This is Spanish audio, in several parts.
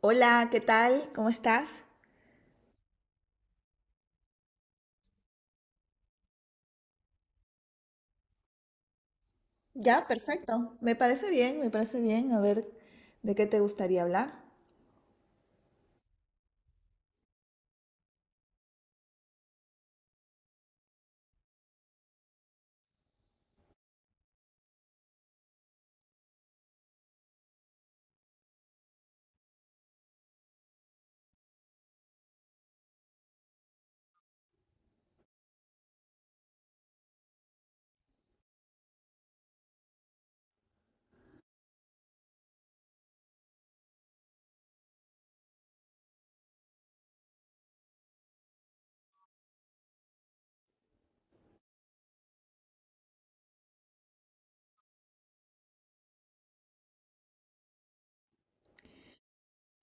Hola, ¿qué tal? ¿Cómo estás? Ya, perfecto. Me parece bien, me parece bien. A ver, ¿de qué te gustaría hablar?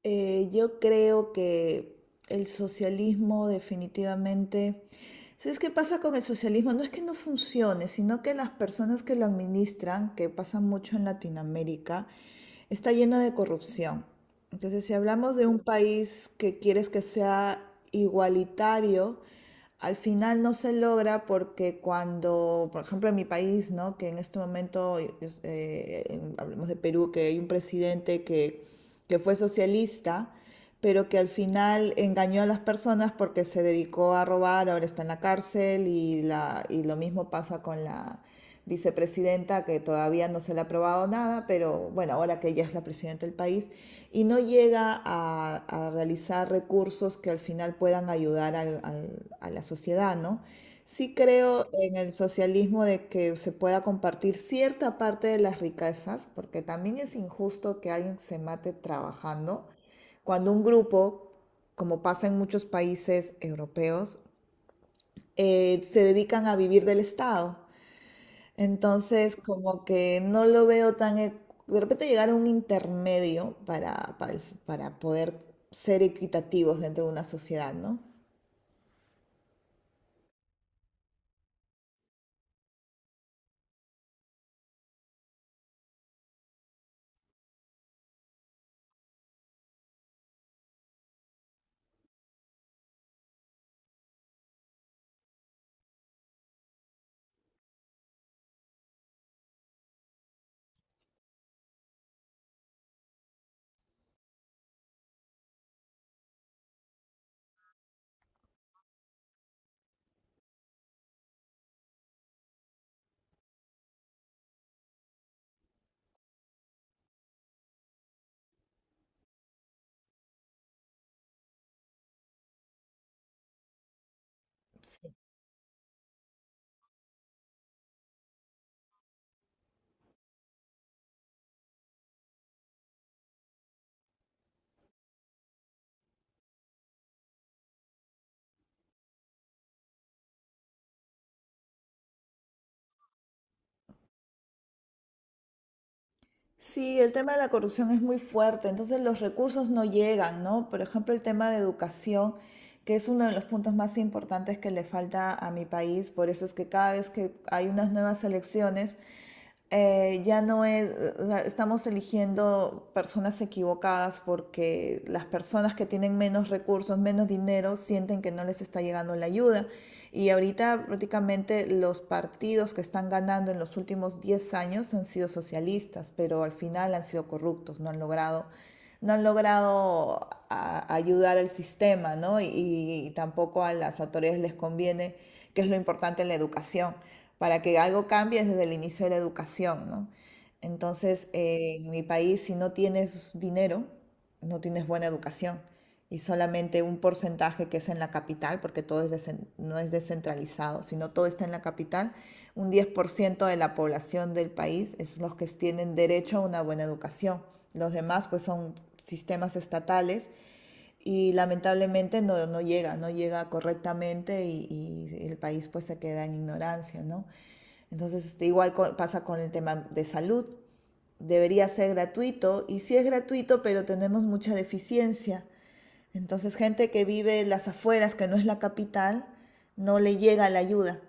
Yo creo que el socialismo definitivamente ¿sabes qué pasa con el socialismo? No es que no funcione, sino que las personas que lo administran, que pasa mucho en Latinoamérica, está llena de corrupción. Entonces, si hablamos de un país que quieres que sea igualitario, al final no se logra porque cuando, por ejemplo, en mi país, ¿no? Que en este momento, hablemos de Perú, que hay un presidente que fue socialista, pero que al final engañó a las personas porque se dedicó a robar, ahora está en la cárcel y lo mismo pasa con la vicepresidenta que todavía no se le ha aprobado nada, pero bueno, ahora que ella es la presidenta del país, y no llega a realizar recursos que al final puedan ayudar a la sociedad, ¿no? Sí creo en el socialismo de que se pueda compartir cierta parte de las riquezas, porque también es injusto que alguien se mate trabajando cuando un grupo, como pasa en muchos países europeos, se dedican a vivir del Estado. Entonces, como que no lo veo tan... De repente llegar a un intermedio para poder ser equitativos dentro de una sociedad, ¿no? Sí. Sí, el tema de la corrupción es muy fuerte, entonces los recursos no llegan, ¿no? Por ejemplo, el tema de educación, que es uno de los puntos más importantes que le falta a mi país, por eso es que cada vez que hay unas nuevas elecciones, ya no es, estamos eligiendo personas equivocadas porque las personas que tienen menos recursos, menos dinero, sienten que no les está llegando la ayuda. Y ahorita prácticamente los partidos que están ganando en los últimos 10 años han sido socialistas, pero al final han sido corruptos, no han logrado ayudar al sistema, ¿no? Y tampoco a las autoridades les conviene, que es lo importante en la educación, para que algo cambie desde el inicio de la educación, ¿no? Entonces, en mi país, si no tienes dinero, no tienes buena educación. Y solamente un porcentaje que es en la capital, porque todo es no es descentralizado, sino todo está en la capital, un 10% de la población del país es los que tienen derecho a una buena educación. Los demás, pues, son sistemas estatales y lamentablemente no llega, no llega correctamente y el país pues se queda en ignorancia, ¿no? Entonces, este, igual pasa con el tema de salud. Debería ser gratuito y sí es gratuito, pero tenemos mucha deficiencia. Entonces, gente que vive en las afueras, que no es la capital, no le llega la ayuda,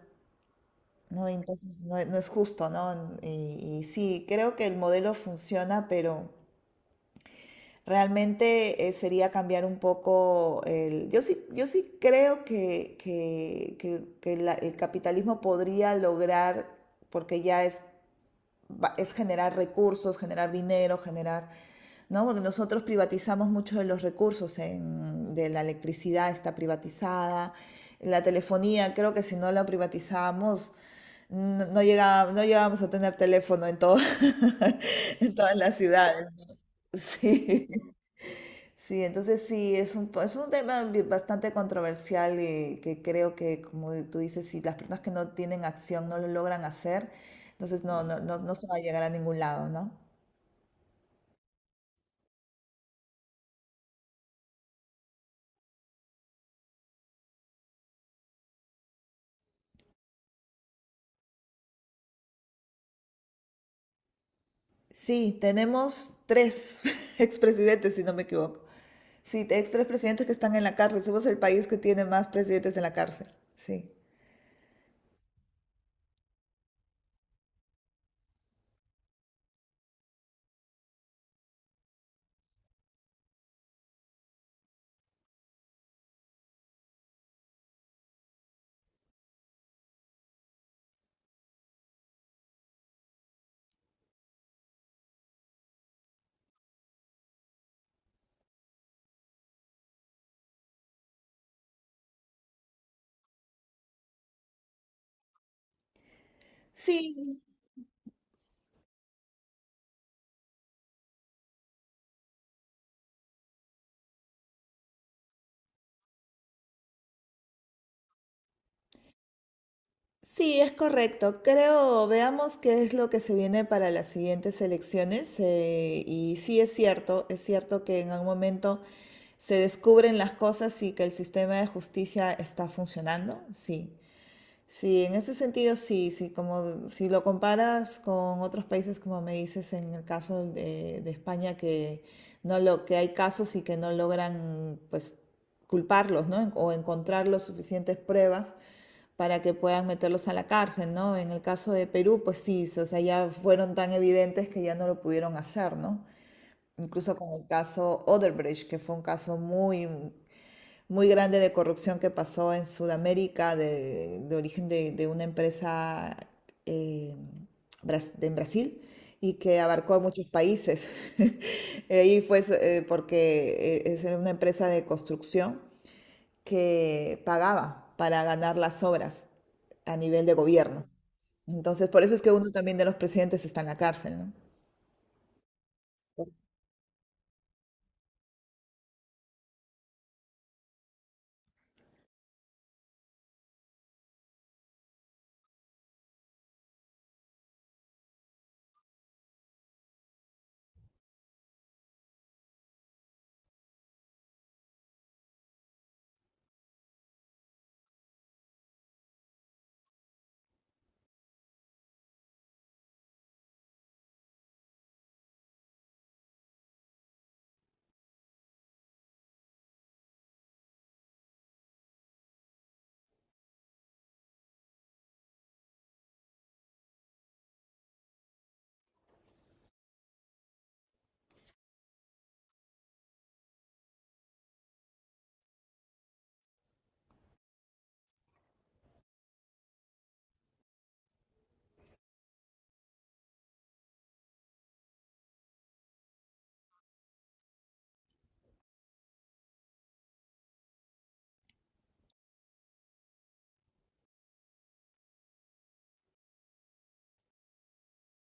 ¿no? Entonces, no, no es justo, ¿no? Y sí, creo que el modelo funciona, pero realmente sería cambiar un poco el... Yo sí, yo sí creo que, el capitalismo podría lograr, porque ya es, es generar recursos, generar dinero, generar... ¿no? Porque nosotros privatizamos mucho de los recursos, de la electricidad está privatizada, la telefonía, creo que si no la privatizamos, no no llegábamos a tener teléfono en en todas las ciudades. ¿No? Sí. Sí, entonces sí, es un, es un tema bastante controversial y que creo que, como tú dices, si las personas que no tienen acción no lo logran hacer, entonces no, no se va a llegar a ningún lado, ¿no? Sí, tenemos 3 expresidentes, si no me equivoco. Sí, ex 3 presidentes que están en la cárcel. Somos el país que tiene más presidentes en la cárcel. Sí. Sí, sí, es correcto. Creo, veamos qué es lo que se viene para las siguientes elecciones. Y sí es cierto que en algún momento se descubren las cosas y que el sistema de justicia está funcionando. Sí, sí, en ese sentido sí, sí, como si lo comparas con otros países, como me dices en el caso de España, que no lo, que hay casos y que no logran, pues, culparlos, ¿no? O encontrar las suficientes pruebas para que puedan meterlos a la cárcel, ¿no? En el caso de Perú, pues sí, sí, o sea, ya fueron tan evidentes que ya no lo pudieron hacer, ¿no? Incluso con el caso Odebrecht, que fue un caso muy, muy grande de corrupción que pasó en Sudamérica, de origen de una empresa eh, en Brasil y que abarcó a muchos países. Ahí fue porque es una empresa de construcción que pagaba para ganar las obras a nivel de gobierno. Entonces, por eso es que uno también de los presidentes está en la cárcel, ¿no?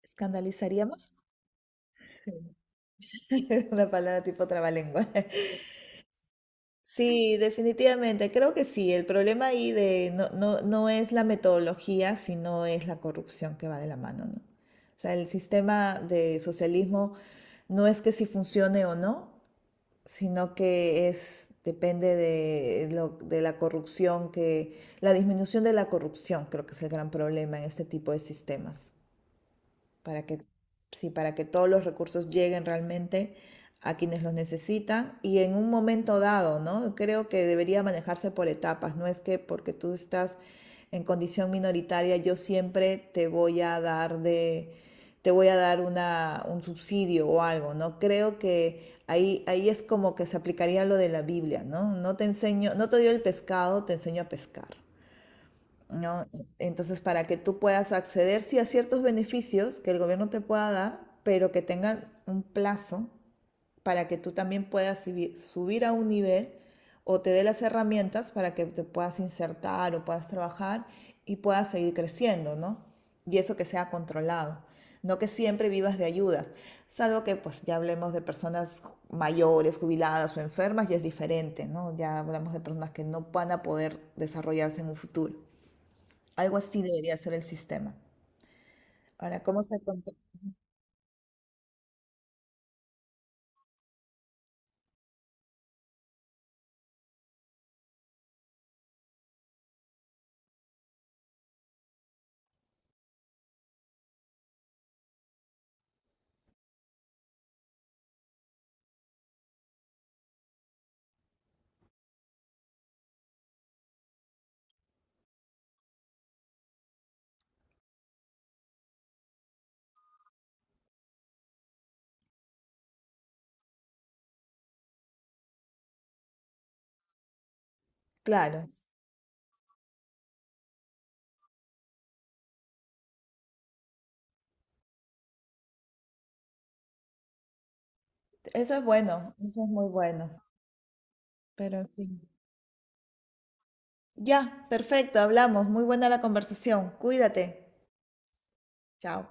¿Escandalizaríamos? Una palabra tipo trabalengua. Sí, definitivamente, creo que sí. El problema ahí de no, no es la metodología, sino es la corrupción que va de la mano, ¿no? O sea, el sistema de socialismo no es que si funcione o no, sino que es, depende de la corrupción que, la disminución de la corrupción creo que es el gran problema en este tipo de sistemas para que, sí, para que todos los recursos lleguen realmente a quienes los necesitan y en un momento dado, ¿no? Creo que debería manejarse por etapas, no es que porque tú estás en condición minoritaria yo siempre te voy a dar un subsidio o algo, ¿no? Creo que ahí, ahí es como que se aplicaría lo de la Biblia, ¿no? No te enseño, no te dio el pescado, te enseño a pescar. ¿No? Entonces, para que tú puedas acceder, sí, a ciertos beneficios que el gobierno te pueda dar, pero que tengan un plazo para que tú también puedas subir a un nivel o te dé las herramientas para que te puedas insertar o puedas trabajar y puedas seguir creciendo, ¿no? Y eso que sea controlado, no que siempre vivas de ayudas, salvo que pues ya hablemos de personas mayores, jubiladas o enfermas, y es diferente, ¿no? Ya hablamos de personas que no van a poder desarrollarse en un futuro. Algo así debería ser el sistema. Ahora, ¿cómo se controla? Claro, eso es bueno, eso es muy bueno. Pero, en fin. Ya, perfecto, hablamos. Muy buena la conversación. Cuídate. Chao.